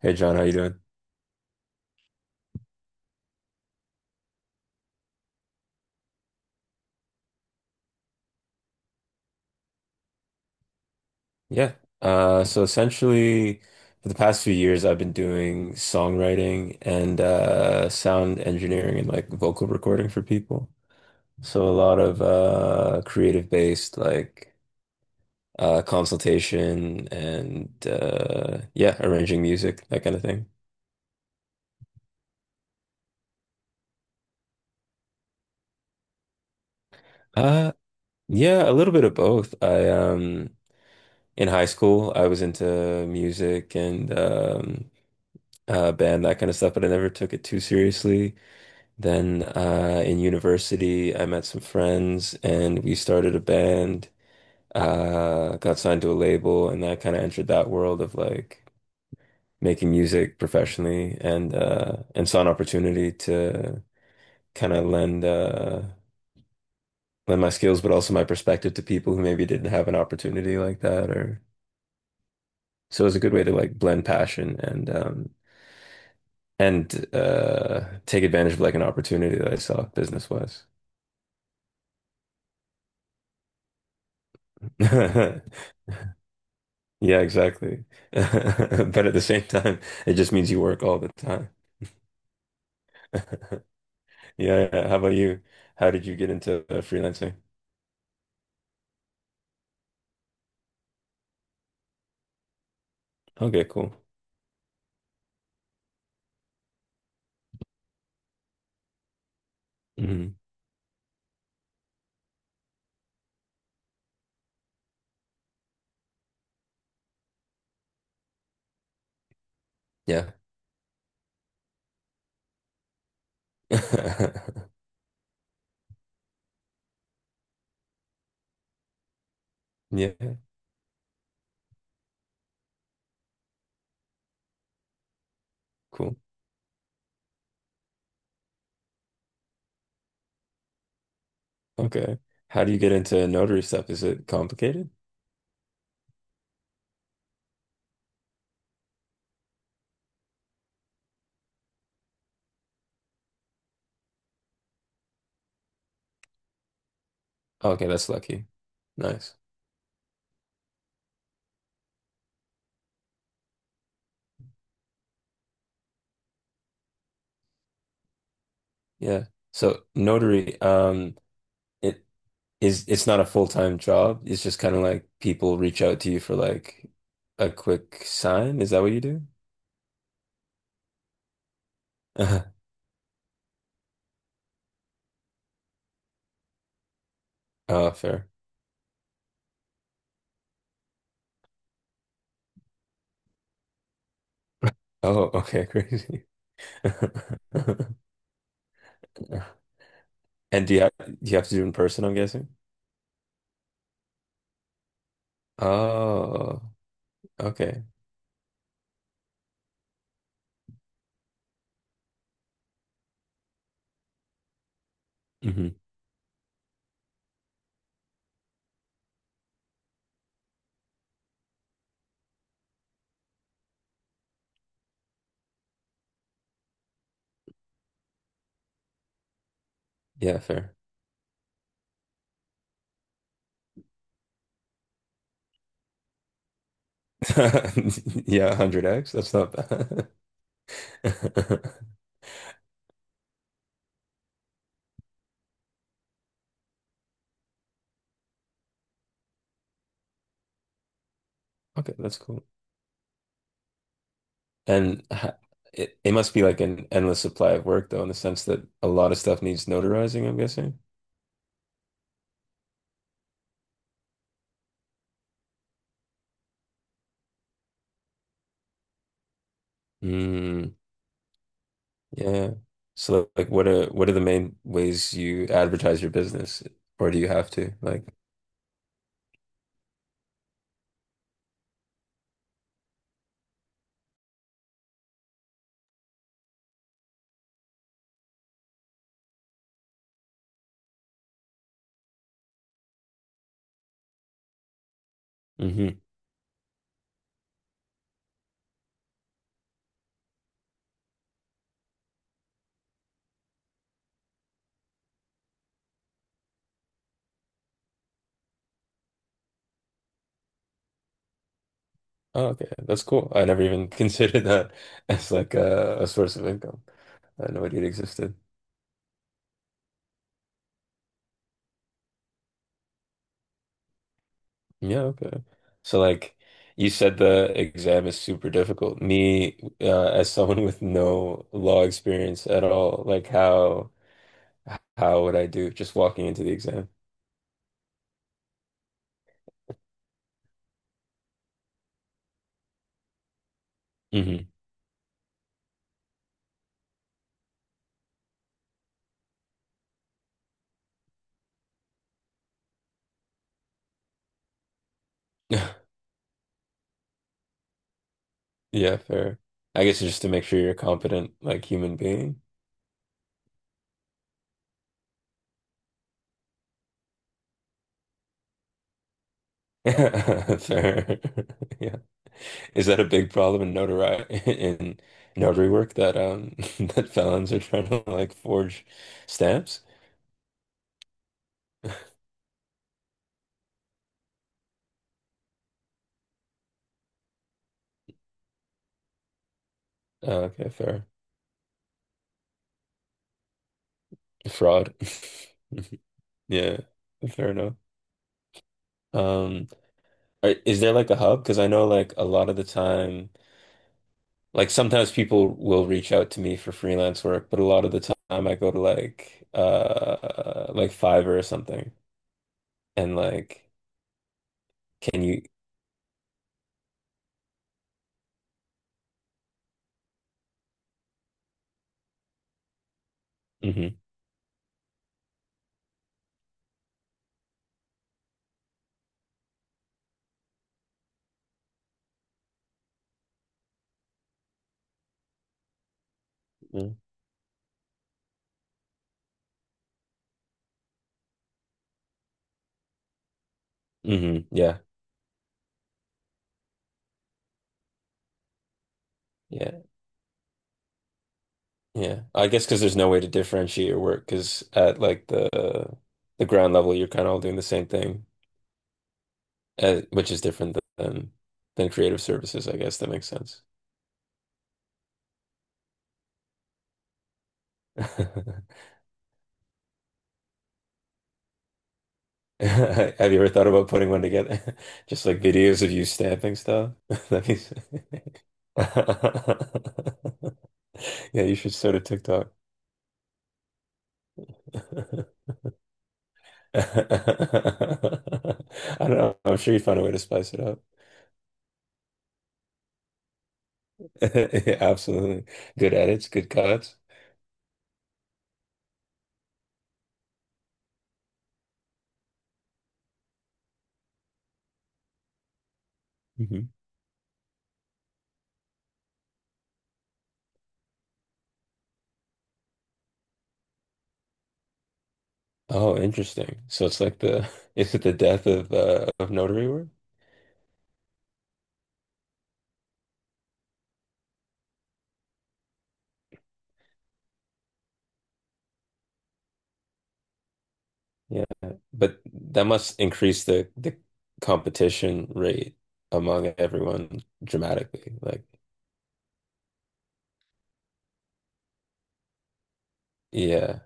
Hey John, how you doing? Yeah. So essentially, for the past few years, I've been doing songwriting and sound engineering and like vocal recording for people. So a lot of creative based like consultation and yeah, arranging music, that kind of thing. Uh, yeah, a little bit of both. I in high school, I was into music and band, that kind of stuff, but I never took it too seriously. Then in university, I met some friends and we started a band, got signed to a label, and that kind of entered that world of like making music professionally and and saw an opportunity to kind of lend my skills, but also my perspective to people who maybe didn't have an opportunity like that, or so it was a good way to like blend passion and take advantage of like an opportunity that I saw business-wise. Yeah, exactly. But at the same time, it just means you work all the time. Yeah, yeah. How about you? How did you get into freelancing? Okay, cool. Hmm. Yeah. Yeah, cool. Okay. How do you get into notary stuff? Is it complicated? Okay, that's lucky. Nice. Yeah. So notary, it is it's not a full-time job. It's just kind of like people reach out to you for like a quick sign. Is that what you do? Oh, fair. Oh, okay, crazy. And do you have to do it in person, I'm guessing? Oh, okay. Hmm. Yeah, fair. Yeah, 100x. That's not bad. Okay, that's cool. And ha- it, it must be like an endless supply of work, though, in the sense that a lot of stuff needs notarizing, I'm guessing. Mm, yeah. So, like, what are the main ways you advertise your business, or do you have to like? Oh, okay. That's cool. I never even considered that as like a source of income. I had no idea it existed. Yeah, okay. So like you said the exam is super difficult. Me, as someone with no law experience at all, like how would I do just walking into the exam? Hmm. Yeah, fair. I guess just to make sure you're a competent like human being. Fair. Yeah. Is that a big problem in notari in notary work that that felons are trying to like forge stamps? Okay, fair. Fraud. Yeah, fair enough. Um, is there like a hub? Because I know like a lot of the time, like sometimes people will reach out to me for freelance work, but a lot of the time I go to like like Fiverr or something and like can you mm-hmm. Mm-hmm. Yeah. Yeah, yeah. I guess because there's no way to differentiate your work because at like the ground level, you're kind of all doing the same thing, which is different than creative services. I guess that makes sense. Have you ever thought about putting one together? Just like videos of you stamping stuff? That means Yeah, you should start a TikTok. I don't know. I'm sure you'd find a way to spice it up. Absolutely. Good edits, good cuts. Hmm. Oh, interesting. So it's like the is it the death of notary work? Yeah. But that must increase the competition rate among everyone dramatically. Like, yeah.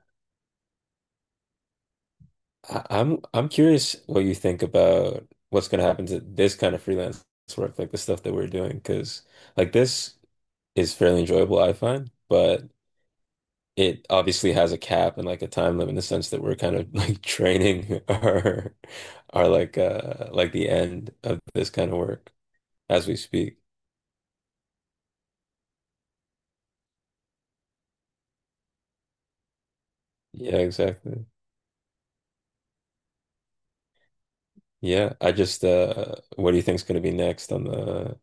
I'm curious what you think about what's going to happen to this kind of freelance work, like the stuff that we're doing, because like this is fairly enjoyable, I find, but it obviously has a cap and like a time limit in the sense that we're kind of like training our the end of this kind of work as we speak. Yeah, exactly. Yeah, I just what do you think's going to be next on the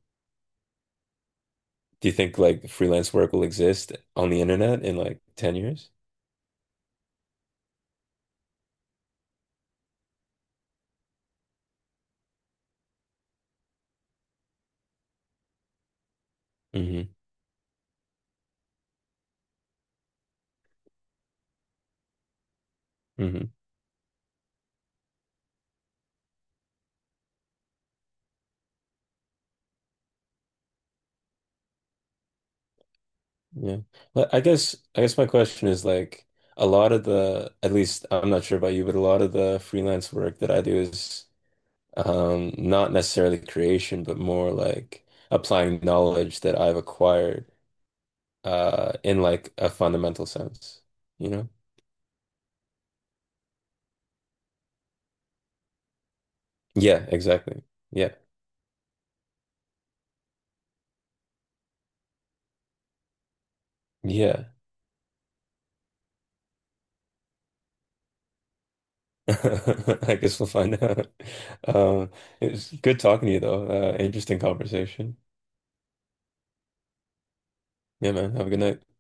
do you think like freelance work will exist on the internet in like 10 years? Hmm. Hmm. Yeah. Well, I guess my question is like a lot of the at least I'm not sure about you, but a lot of the freelance work that I do is, um, not necessarily creation, but more like applying knowledge that I've acquired in like a fundamental sense, you know? Yeah, exactly. Yeah. Yeah. I guess we'll find out. Um, it was good talking to you though. Interesting conversation. Yeah, man. Have a good night.